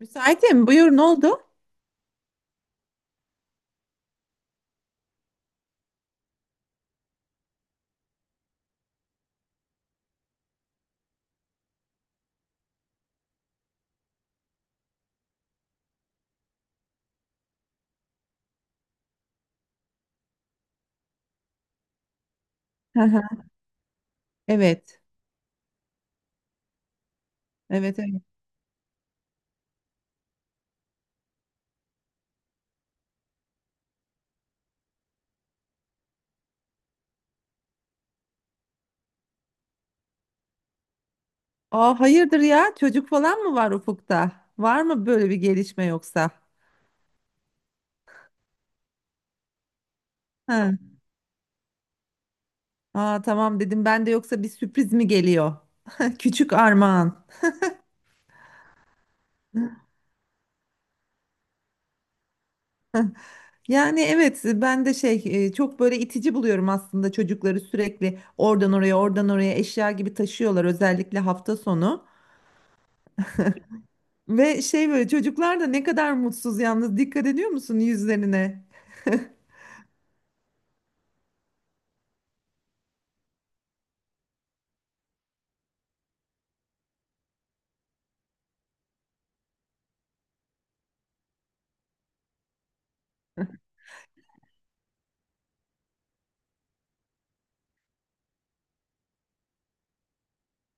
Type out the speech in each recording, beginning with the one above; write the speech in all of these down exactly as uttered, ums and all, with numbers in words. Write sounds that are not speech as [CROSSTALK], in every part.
Müsaitim. Buyur ne oldu? Hı hı. Evet. Evet evet. Aa, hayırdır ya? Çocuk falan mı var ufukta? Var mı böyle bir gelişme yoksa? Hı. Aa, tamam dedim ben de yoksa bir sürpriz mi geliyor? [LAUGHS] Küçük armağan. Yani evet ben de şey e, çok böyle itici buluyorum aslında çocukları sürekli oradan oraya oradan oraya eşya gibi taşıyorlar özellikle hafta sonu. Ve şey böyle çocuklar da ne kadar mutsuz yalnız dikkat ediyor musun yüzlerine?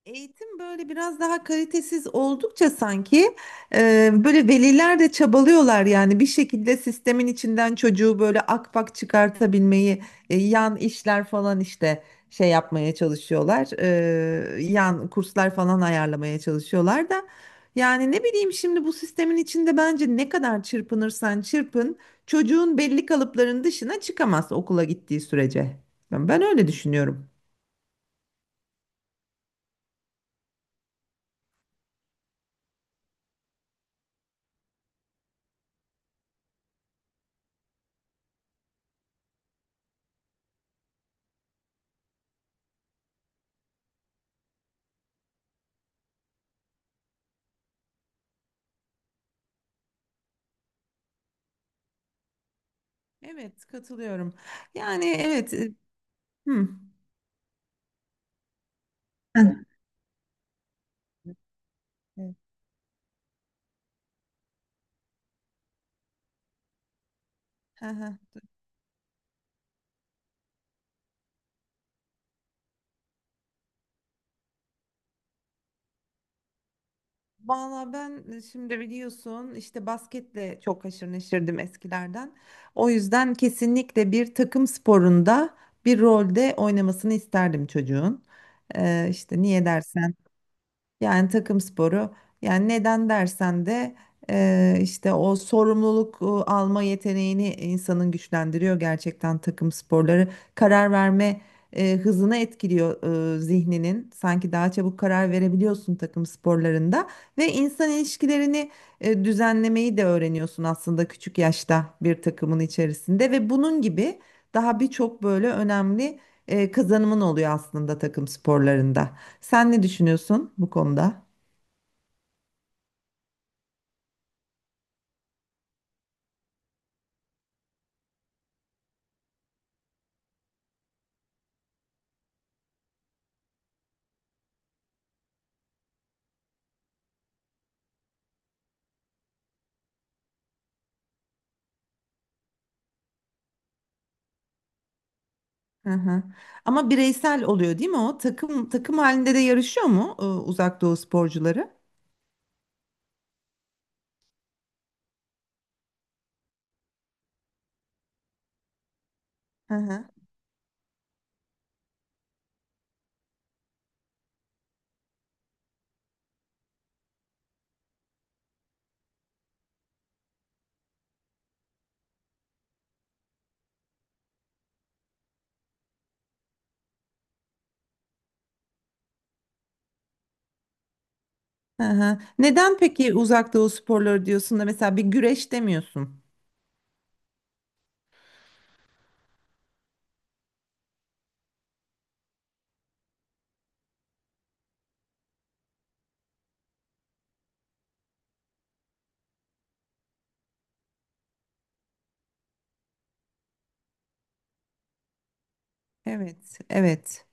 Eğitim böyle biraz daha kalitesiz oldukça sanki e, böyle veliler de çabalıyorlar yani bir şekilde sistemin içinden çocuğu böyle akpak çıkartabilmeyi e, yan işler falan işte şey yapmaya çalışıyorlar e, yan kurslar falan ayarlamaya çalışıyorlar da yani ne bileyim şimdi bu sistemin içinde bence ne kadar çırpınırsan çırpın çocuğun belli kalıpların dışına çıkamaz okula gittiği sürece ben ben öyle düşünüyorum. Evet katılıyorum. Yani evet. e, Hı. Heh. Evet. Hı hı. Valla ben e, şimdi biliyorsun işte basketle çok haşır neşirdim eskilerden. O yüzden kesinlikle bir takım sporunda bir rolde oynamasını isterdim çocuğun. Ee, işte niye dersen. Yani takım sporu. Yani neden dersen de eee, işte o sorumluluk e, alma yeteneğini insanın güçlendiriyor gerçekten takım sporları. Karar verme e, hızını etkiliyor e, zihninin. Sanki daha çabuk karar verebiliyorsun takım sporlarında ve insan ilişkilerini e, düzenlemeyi de öğreniyorsun aslında küçük yaşta bir takımın içerisinde ve bunun gibi daha birçok böyle önemli e, kazanımın oluyor aslında takım sporlarında. Sen ne düşünüyorsun bu konuda? Hı hı. Ama bireysel oluyor değil mi o? Takım takım halinde de yarışıyor mu e, Uzak Doğu sporcuları? Hı hı. Hı hı. Neden peki Uzak Doğu sporları diyorsun da mesela bir güreş demiyorsun? Evet, evet.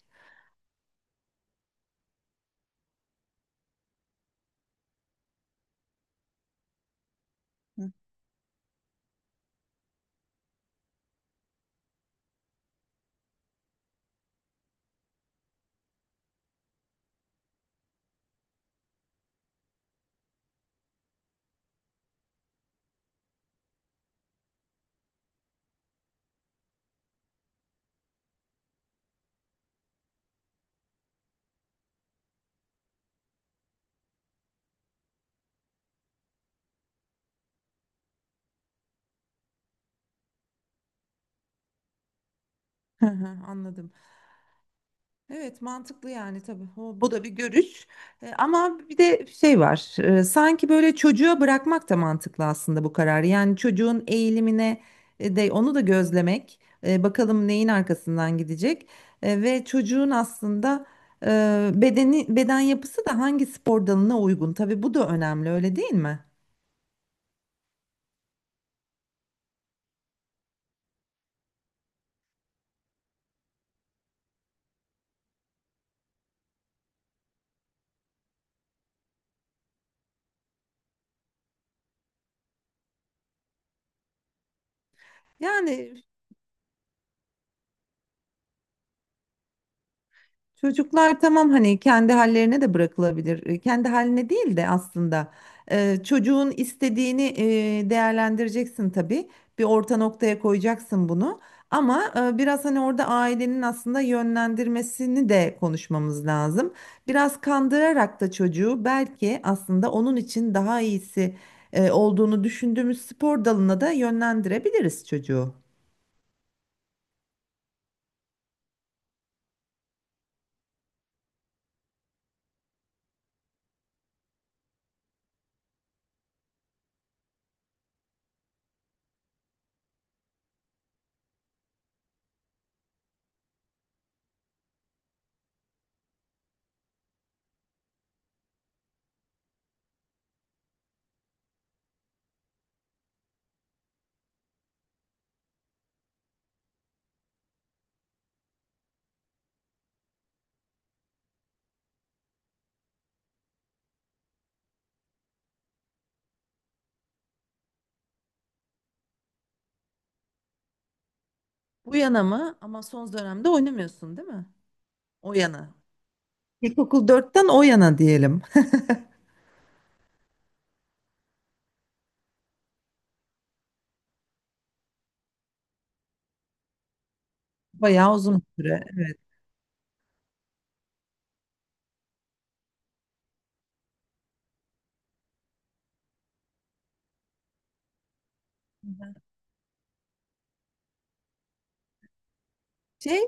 Hı hı, anladım. Evet mantıklı yani tabii. O, bu da bir görüş. E, ama bir de şey var. E, sanki böyle çocuğa bırakmak da mantıklı aslında bu kararı. Yani çocuğun eğilimine e, de onu da gözlemek. E, bakalım neyin arkasından gidecek. E, ve çocuğun aslında e, bedeni beden yapısı da hangi spor dalına uygun. Tabii bu da önemli öyle değil mi? Yani çocuklar tamam hani kendi hallerine de bırakılabilir. E, kendi haline değil de aslında e, çocuğun istediğini e, değerlendireceksin tabii. Bir orta noktaya koyacaksın bunu. Ama e, biraz hani orada ailenin aslında yönlendirmesini de konuşmamız lazım. Biraz kandırarak da çocuğu belki aslında onun için daha iyisi e, olduğunu düşündüğümüz spor dalına da yönlendirebiliriz çocuğu. Bu yana mı? Ama son dönemde oynamıyorsun, değil mi? O yana. İlkokul dörtten o yana diyelim. [LAUGHS] Bayağı uzun bir süre. Evet. Şey,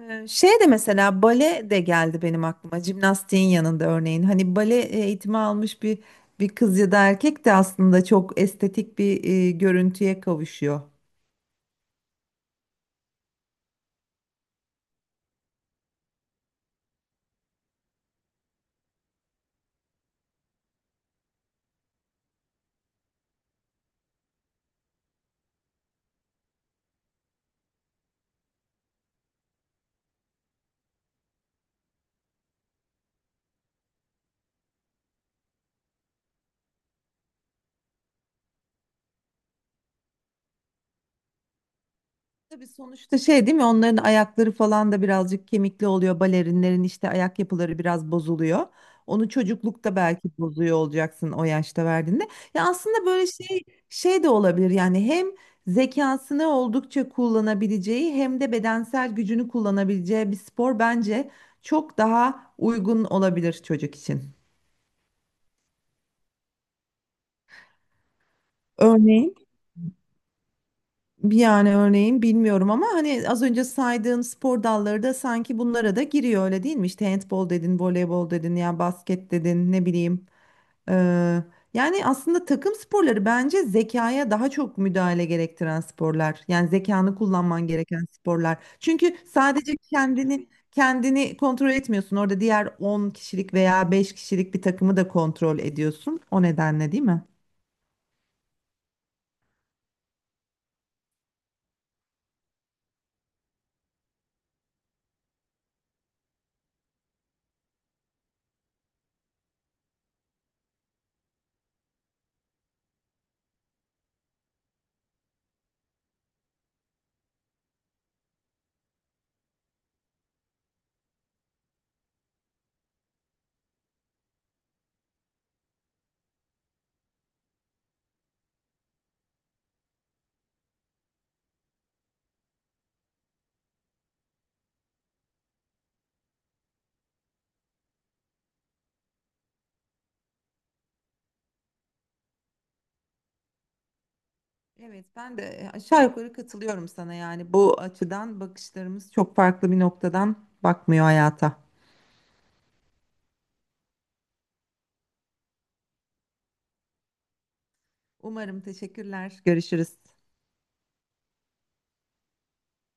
e, şey de mesela bale de geldi benim aklıma. Jimnastiğin yanında örneğin. Hani bale eğitimi almış bir bir kız ya da erkek de aslında çok estetik bir e, görüntüye kavuşuyor. Tabii sonuçta şey değil mi? Onların ayakları falan da birazcık kemikli oluyor. Balerinlerin işte ayak yapıları biraz bozuluyor. Onu çocuklukta belki bozuyor olacaksın o yaşta verdiğinde. Ya aslında böyle şey şey de olabilir. Yani hem zekasını oldukça kullanabileceği hem de bedensel gücünü kullanabileceği bir spor bence çok daha uygun olabilir çocuk için. Örneğin. Yani örneğin bilmiyorum ama hani az önce saydığın spor dalları da sanki bunlara da giriyor öyle değil mi? İşte handbol dedin, voleybol dedin, ya basket dedin, ne bileyim. Ee, yani aslında takım sporları bence zekaya daha çok müdahale gerektiren sporlar. Yani zekanı kullanman gereken sporlar. Çünkü sadece kendini kendini kontrol etmiyorsun. Orada diğer on kişilik veya beş kişilik bir takımı da kontrol ediyorsun. O nedenle değil mi? Evet, ben de e, aşağı yukarı katılıyorum sana yani bu açıdan bakışlarımız çok farklı bir noktadan bakmıyor hayata. Umarım teşekkürler. Görüşürüz.